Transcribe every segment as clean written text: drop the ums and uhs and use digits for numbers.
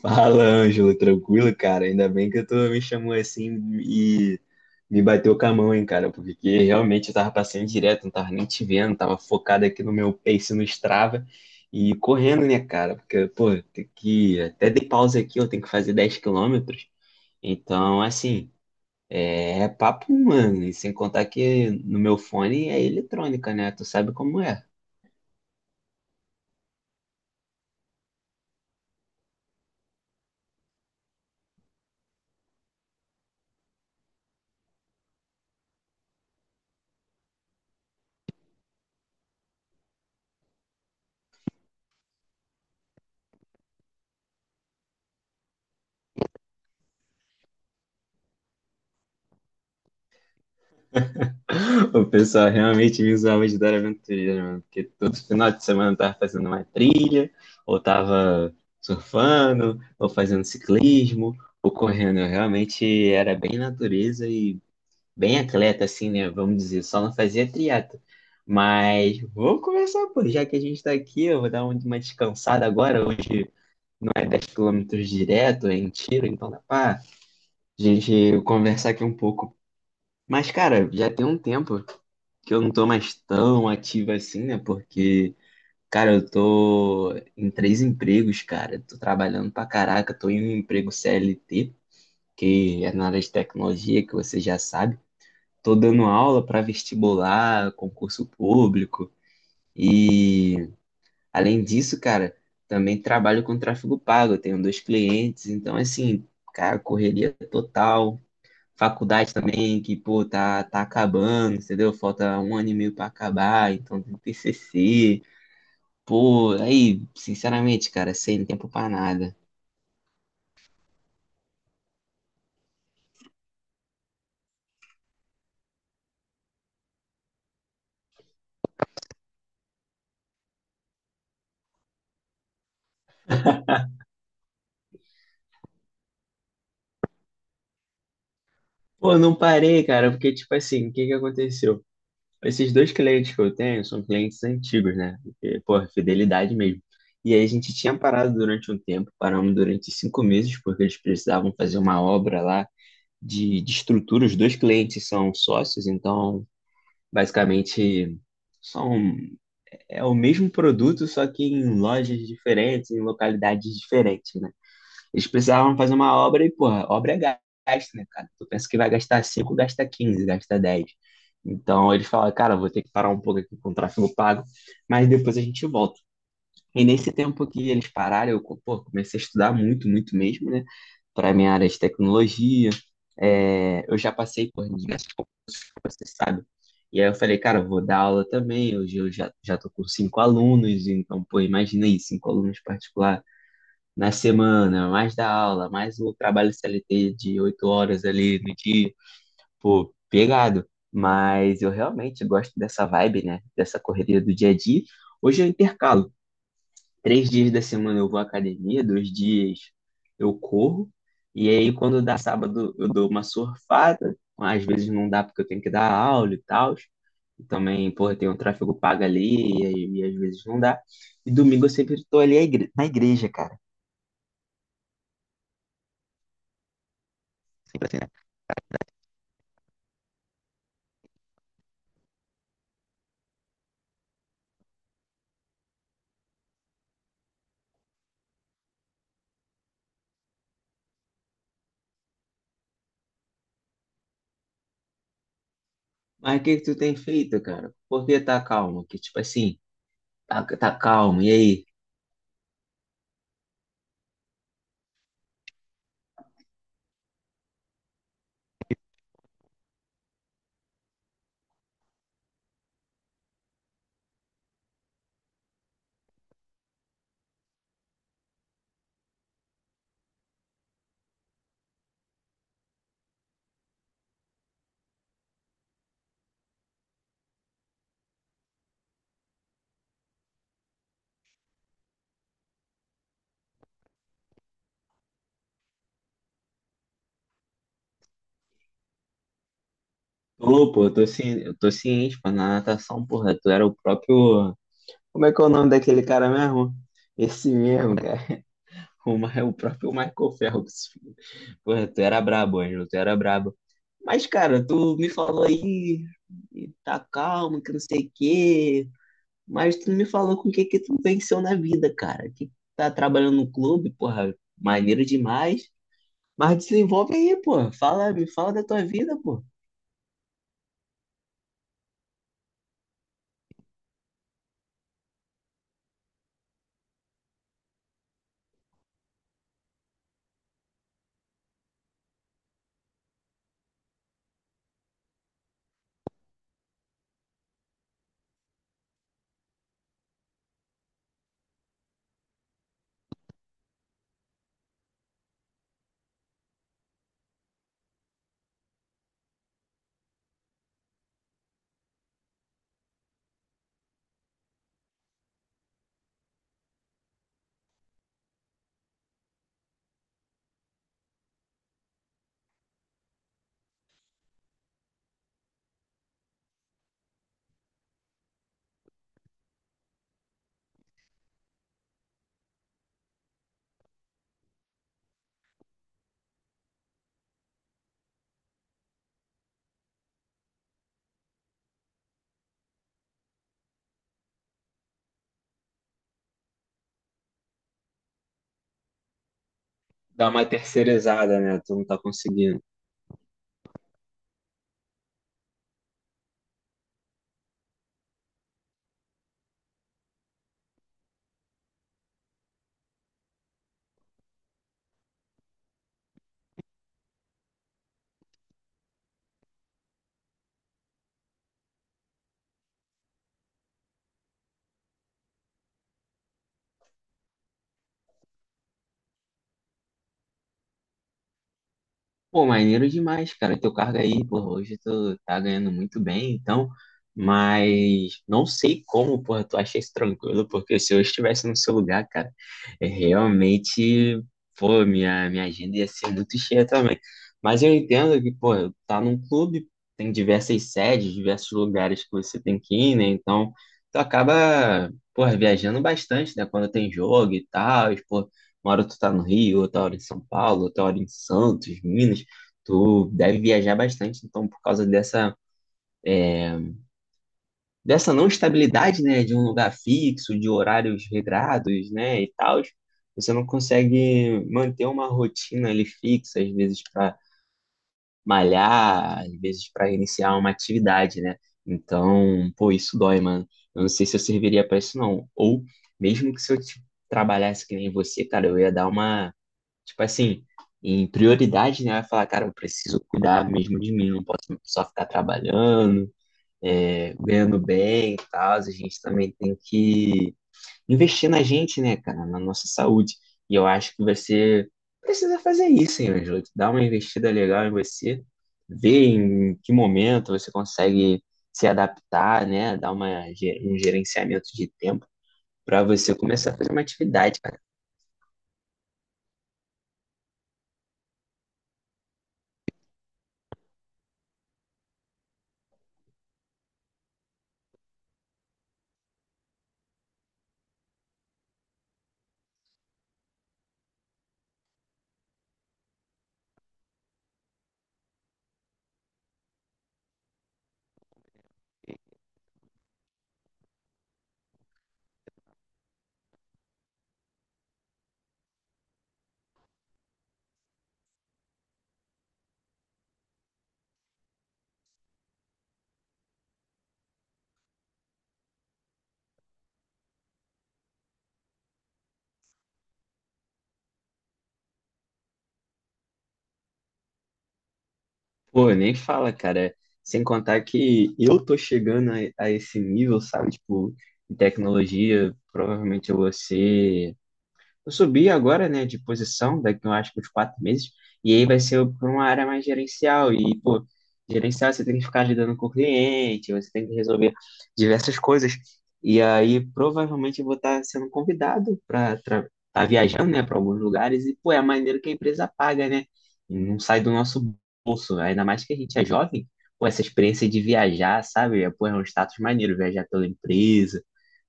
Fala, Ângelo, tranquilo, cara? Ainda bem que tu me chamou assim e me bateu com a mão, hein, cara? Porque realmente eu tava passando direto, não tava nem te vendo, tava focado aqui no meu pace no Strava e correndo, né, cara? Porque, pô, tem que... até dei pausa aqui, eu tenho que fazer 10 quilômetros. Então, assim, é papo, mano, e sem contar que no meu fone é eletrônica, né? Tu sabe como é. O pessoal realmente me usava de dar aventureiro, mano, porque todo final de semana eu tava fazendo uma trilha, ou tava surfando, ou fazendo ciclismo, ou correndo. Eu realmente era bem natureza e bem atleta, assim, né? Vamos dizer, só não fazia triatlo. Mas vou começar, pô, já que a gente tá aqui, eu vou uma descansada agora. Hoje não é 10 quilômetros direto, é em tiro, então dá pra gente conversar aqui um pouco, mas, cara, já tem um tempo que eu não tô mais tão ativo assim, né? Porque, cara, eu tô em três empregos, cara. Tô trabalhando pra caraca. Tô em um emprego CLT, que é na área de tecnologia, que você já sabe. Tô dando aula pra vestibular, concurso público. E, além disso, cara, também trabalho com tráfego pago. Eu tenho dois clientes, então, assim, cara, correria total, faculdade também, que, pô, tá acabando, entendeu? Falta um ano e meio pra acabar, então tem TCC. Pô, aí, sinceramente, cara, sem tempo pra nada. Pô, não parei, cara, porque, tipo assim, o que que aconteceu? Esses dois clientes que eu tenho são clientes antigos, né? Porque, pô, é fidelidade mesmo. E aí a gente tinha parado durante um tempo, paramos durante cinco meses, porque eles precisavam fazer uma obra lá de estrutura. Os dois clientes são sócios, então, basicamente, são. É o mesmo produto, só que em lojas diferentes, em localidades diferentes, né? Eles precisavam fazer uma obra e, porra, obra é gasto, né, cara? Tu pensa que vai gastar 5, gasta 15, gasta 10. Então eles falaram, cara, vou ter que parar um pouco aqui com o tráfego pago, mas depois a gente volta. E nesse tempo que eles pararam, eu, pô, comecei a estudar muito, muito mesmo, né? Para minha área de tecnologia. É, eu já passei por diversos, você sabe? E aí eu falei, cara, eu vou dar aula também. Hoje eu já tô com cinco alunos, então, pô, imagina aí, cinco alunos particular na semana, mais da aula, mais o trabalho CLT de oito horas ali no dia, pô, pegado. Mas eu realmente gosto dessa vibe, né? Dessa correria do dia a dia. Hoje eu intercalo. Três dias da semana eu vou à academia, dois dias eu corro, e aí quando dá sábado eu dou uma surfada, às vezes não dá porque eu tenho que dar aula e tal, e também, porra, tem um tráfego pago ali, e, e às vezes não dá, e domingo eu sempre tô ali na igreja, cara, sempre assim, né? Mas o que que tu tem feito, cara? Por que tá calmo? Que tipo assim, tá calmo, e aí? Ô, pô, eu tô ciente, pô, na natação, porra, tu era o próprio. Como é que é o nome daquele cara mesmo? Esse mesmo, cara. O, é o próprio Michael Phelps. Porra, tu era brabo, Ângelo, tu era brabo. Mas, cara, tu me falou aí, e tá calmo, que não sei o quê. Mas tu não me falou com o que que tu venceu na vida, cara. Que tá trabalhando no clube, porra, maneiro demais. Mas desenvolve aí, pô. Fala, me fala da tua vida, pô. Dá uma terceirizada, né? Tu não tá conseguindo. Pô, maneiro demais, cara. Teu cargo aí, porra, hoje tu tá ganhando muito bem, então. Mas não sei como, porra, tu acha isso tranquilo, porque se eu estivesse no seu lugar, cara, é realmente, pô, minha agenda ia ser muito cheia também. Mas eu entendo que, pô, tá num clube, tem diversas sedes, diversos lugares que você tem que ir, né? Então, tu acaba, porra, viajando bastante, né? Quando tem jogo e tal, e, pô, uma hora tu tá no Rio, outra hora em São Paulo, outra hora em Santos, Minas. Tu deve viajar bastante, então, por causa dessa, dessa não estabilidade, né, de um lugar fixo, de horários regrados, né, e tal, você não consegue manter uma rotina ali fixa, às vezes para malhar, às vezes para iniciar uma atividade, né? Então, pô, isso dói, mano. Eu não sei se eu serviria para isso, não. Ou, mesmo que se eu t- trabalhasse que nem você, cara, eu ia dar uma. Tipo assim, em prioridade, né? Vai falar, cara, eu preciso cuidar mesmo de mim, não posso só ficar trabalhando, é, ganhando bem e tal. A gente também tem que investir na gente, né, cara, na nossa saúde. E eu acho que você precisa fazer isso, hein, Ângelo? Dar uma investida legal em você, ver em que momento você consegue se adaptar, né? Dar um gerenciamento de tempo para você começar a fazer uma atividade. Pô, nem fala, cara. Sem contar que eu tô chegando a esse nível, sabe? Tipo, em tecnologia, provavelmente eu vou ser. Eu subi agora, né, de posição, daqui eu acho que uns quatro meses, e aí vai ser para uma área mais gerencial. E, pô, gerencial você tem que ficar lidando com o cliente, você tem que resolver diversas coisas. E aí provavelmente eu vou estar sendo convidado para estar viajando, né, para alguns lugares, e, pô, é a maneira que a empresa paga, né? Não sai do nosso bolso, ainda mais que a gente é jovem. Pô, essa experiência de viajar, sabe? É, pô, é um status maneiro viajar pela empresa,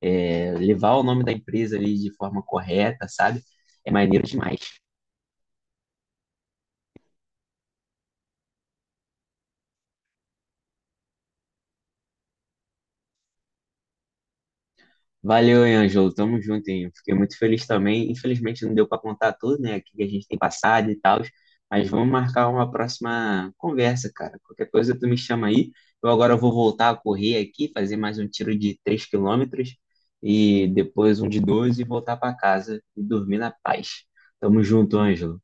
é, levar o nome da empresa ali de forma correta, sabe? É maneiro demais. Valeu, hein, Ângelo. Tamo junto, hein? Fiquei muito feliz também. Infelizmente não deu para contar tudo, né? O que a gente tem passado e tal. Mas vamos marcar uma próxima conversa, cara. Qualquer coisa tu me chama aí. Eu agora vou voltar a correr aqui, fazer mais um tiro de 3 quilômetros e depois um de 12 e voltar para casa e dormir na paz. Tamo junto, Ângelo.